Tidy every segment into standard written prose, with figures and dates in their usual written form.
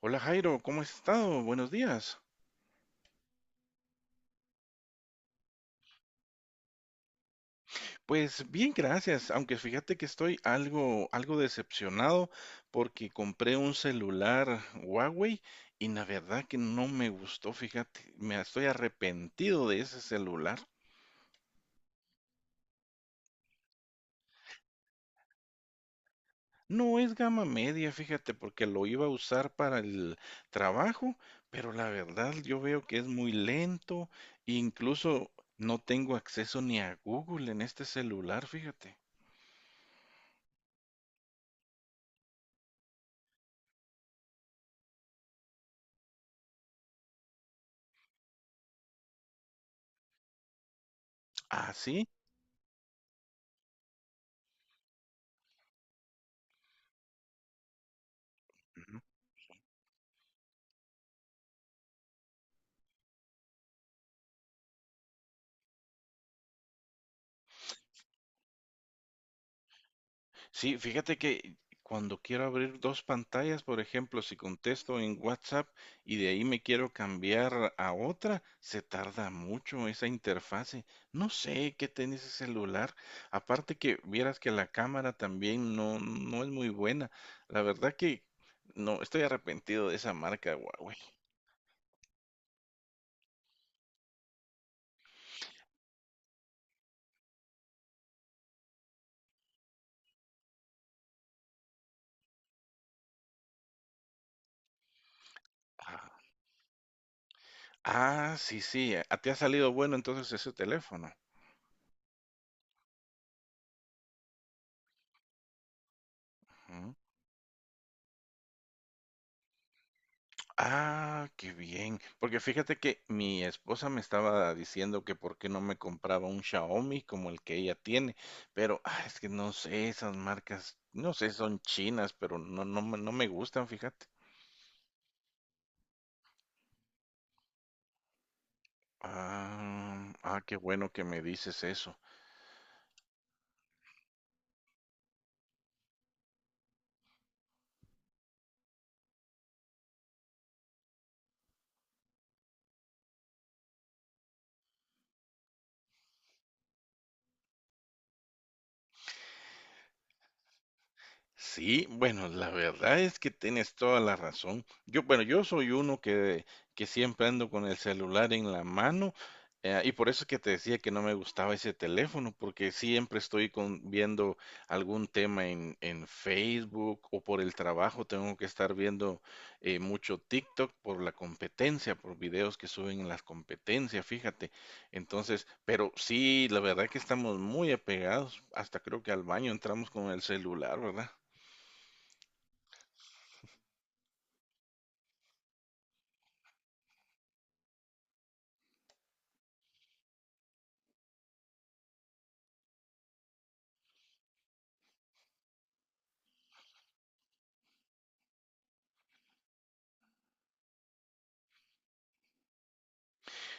Hola, Jairo, ¿cómo has estado? Buenos días. Pues bien, gracias, aunque fíjate que estoy algo decepcionado porque compré un celular Huawei y la verdad que no me gustó, fíjate, me estoy arrepentido de ese celular. No es gama media, fíjate, porque lo iba a usar para el trabajo, pero la verdad yo veo que es muy lento, incluso no tengo acceso ni a Google en este celular, fíjate. Ah, sí. Sí, fíjate que cuando quiero abrir dos pantallas, por ejemplo, si contesto en WhatsApp y de ahí me quiero cambiar a otra, se tarda mucho esa interfase. No sé qué tiene ese celular. Aparte que vieras que la cámara también no es muy buena. La verdad que no, estoy arrepentido de esa marca Huawei. Ah, ah, sí, sí, a ti ha salido bueno entonces ese teléfono. Ah, qué bien. Porque fíjate que mi esposa me estaba diciendo que por qué no me compraba un Xiaomi como el que ella tiene, pero ah, es que no sé, esas marcas, no sé, son chinas, pero no, no, no me gustan, fíjate. Ah, ah, qué bueno que me dices eso. Sí, bueno, la verdad es que tienes toda la razón. Yo, bueno, yo soy uno que siempre ando con el celular en la mano, y por eso es que te decía que no me gustaba ese teléfono, porque siempre estoy con, viendo algún tema en Facebook o por el trabajo tengo que estar viendo mucho TikTok por la competencia, por videos que suben en las competencias, fíjate. Entonces, pero sí, la verdad que estamos muy apegados, hasta creo que al baño entramos con el celular, ¿verdad?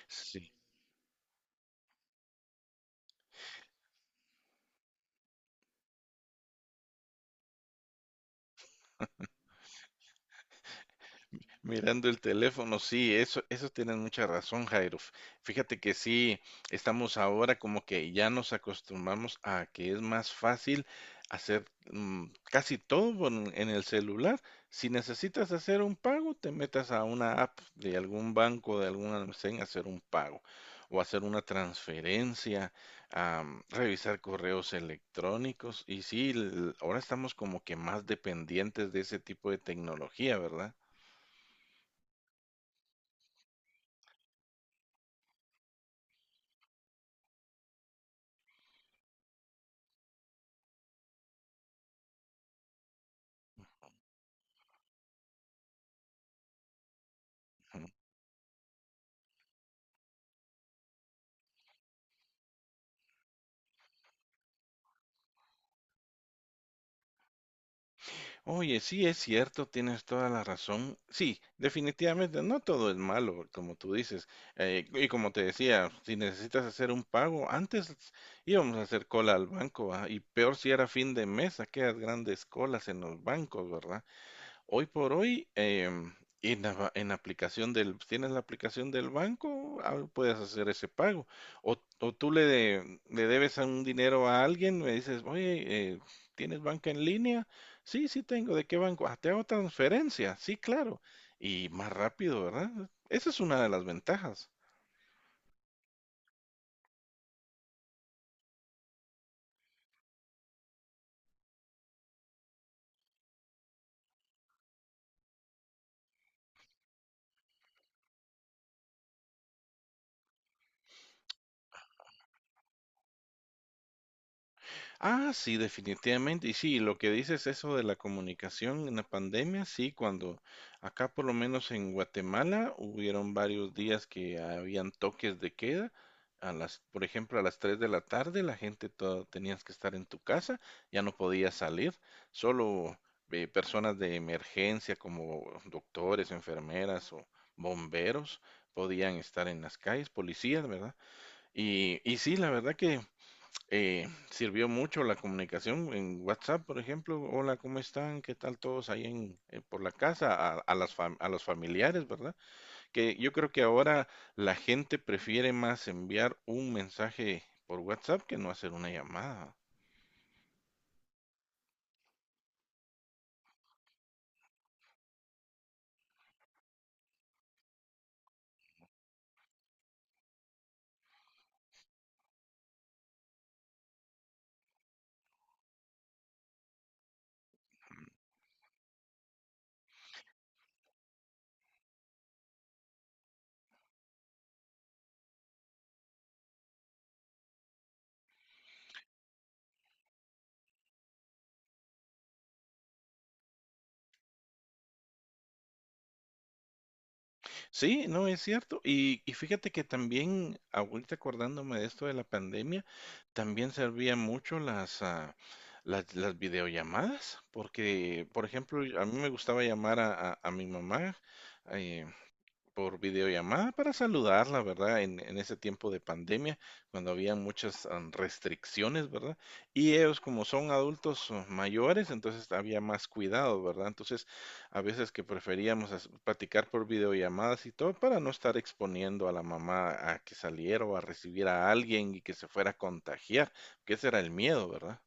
Sí, mirando el teléfono, sí, eso tienes mucha razón, Jairo. Fíjate que sí, estamos ahora como que ya nos acostumbramos a que es más fácil hacer mm, casi todo en el celular. Si necesitas hacer un pago, te metas a una app de algún banco, de algún almacén, a hacer un pago o hacer una transferencia, revisar correos electrónicos. Y sí, ahora estamos como que más dependientes de ese tipo de tecnología, ¿verdad? Ujú. Oye, sí es cierto, tienes toda la razón. Sí, definitivamente no todo es malo, como tú dices. Y como te decía, si necesitas hacer un pago, antes íbamos a hacer cola al banco, ah. Y peor si era fin de mes, aquellas grandes colas en los bancos, ¿verdad? Hoy por hoy, en en la aplicación del, tienes la aplicación del banco, ah, puedes hacer ese pago. O tú le debes a un dinero a alguien, me dices, oye, ¿tienes banca en línea? Sí, sí tengo. ¿De qué banco? Ah, te hago transferencia. Sí, claro. Y más rápido, ¿verdad? Esa es una de las ventajas. Ah, sí, definitivamente. Y sí, lo que dices eso de la comunicación en la pandemia, sí, cuando acá por lo menos en Guatemala hubieron varios días que habían toques de queda. A las, por ejemplo, a las 3 de la tarde la gente toda, tenías que estar en tu casa, ya no podías salir, solo personas de emergencia como doctores, enfermeras o bomberos podían estar en las calles, policías, ¿verdad? Y sí, la verdad que sirvió mucho la comunicación en WhatsApp, por ejemplo. Hola, ¿cómo están? ¿Qué tal todos ahí por la casa? A las a los familiares, ¿verdad? Que yo creo que ahora la gente prefiere más enviar un mensaje por WhatsApp que no hacer una llamada. Sí, no, es cierto. Y fíjate que también, ahorita acordándome de esto de la pandemia, también servían mucho las, ah, las videollamadas, porque, por ejemplo, a mí me gustaba llamar a, a mi mamá, eh, por videollamada para saludarla, ¿verdad? En ese tiempo de pandemia, cuando había muchas restricciones, ¿verdad? Y ellos como son adultos mayores, entonces había más cuidado, ¿verdad? Entonces, a veces que preferíamos platicar por videollamadas y todo para no estar exponiendo a la mamá a que saliera o a recibir a alguien y que se fuera a contagiar, que ese era el miedo, ¿verdad?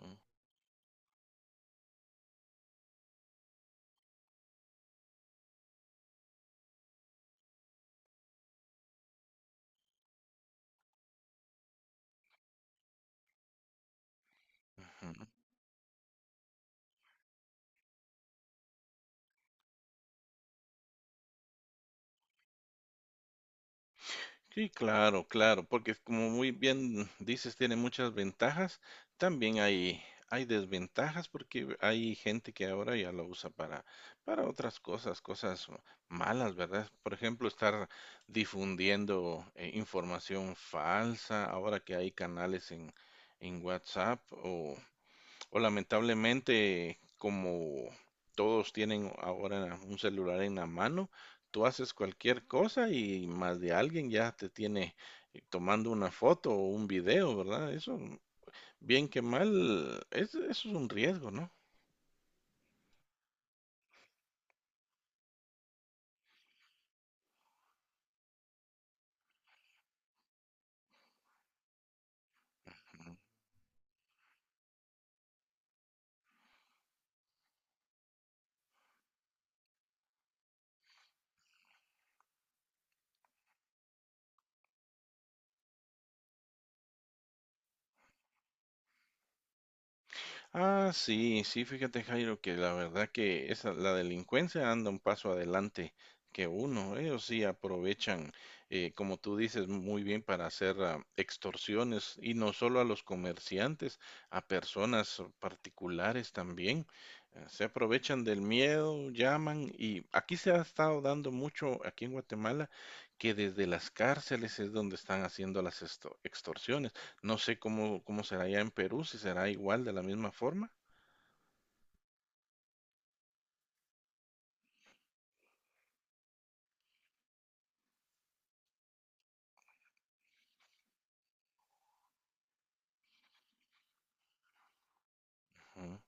Mm, ujú. Sí, claro, claro, porque como muy bien dices, tiene muchas ventajas. También hay desventajas porque hay gente que ahora ya lo usa para otras cosas, cosas malas, ¿verdad? Por ejemplo, estar difundiendo información falsa, ahora que hay canales en WhatsApp o lamentablemente, como todos tienen ahora un celular en la mano, tú haces cualquier cosa y más de alguien ya te tiene tomando una foto o un video, ¿verdad? Eso, bien que mal, es, eso es un riesgo, ¿no? Ah, sí, sí, fíjate, Jairo, que la verdad que esa, la delincuencia anda un paso adelante que uno. Ellos sí aprovechan, como tú dices, muy bien para hacer ah, extorsiones y no solo a los comerciantes, a personas particulares también. Se aprovechan del miedo, llaman y aquí se ha estado dando mucho, aquí en Guatemala, que desde las cárceles es donde están haciendo las extorsiones. No sé cómo, cómo será allá en Perú, si será igual de la misma forma. Ujú.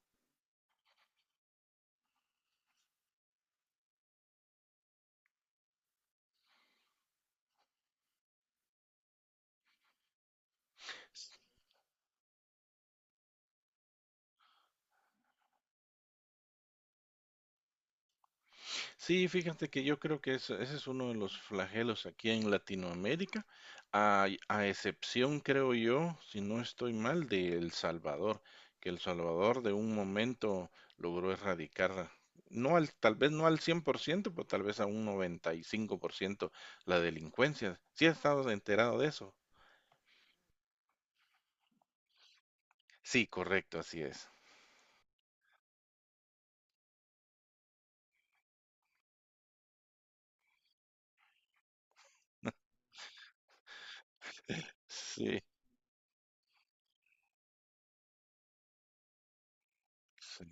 Sí, fíjate que yo creo que ese es uno de los flagelos aquí en Latinoamérica, a excepción, creo yo, si no estoy mal, de El Salvador, que El Salvador de un momento logró erradicar, no al, tal vez no al 100% pero tal vez a un 95% la delincuencia. ¿Sí has estado enterado de eso? Sí, correcto, así es. Sí, sí.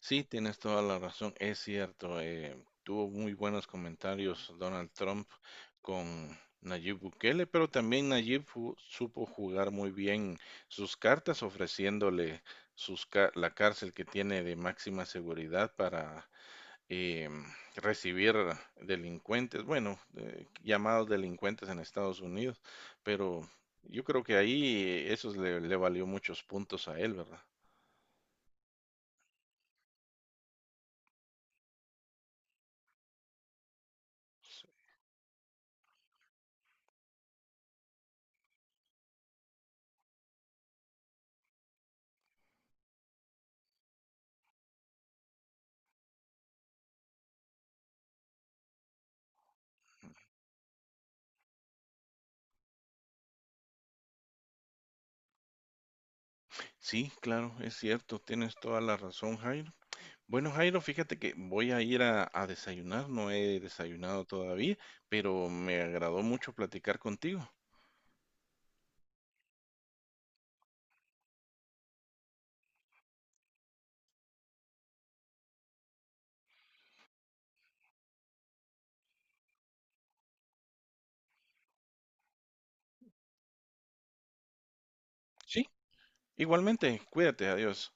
Sí, tienes toda la razón, es cierto. Eh, tuvo muy buenos comentarios Donald Trump con Nayib Bukele, pero también Nayib supo jugar muy bien sus cartas, ofreciéndole la cárcel que tiene de máxima seguridad para em, recibir delincuentes, bueno, llamados delincuentes en Estados Unidos, pero yo creo que ahí eso le valió muchos puntos a él, ¿verdad? Sí, claro, es cierto, tienes toda la razón, Jairo. Bueno, Jairo, fíjate que voy a ir a desayunar, no he desayunado todavía, pero me agradó mucho platicar contigo. Sí, igualmente, cuídate, adiós.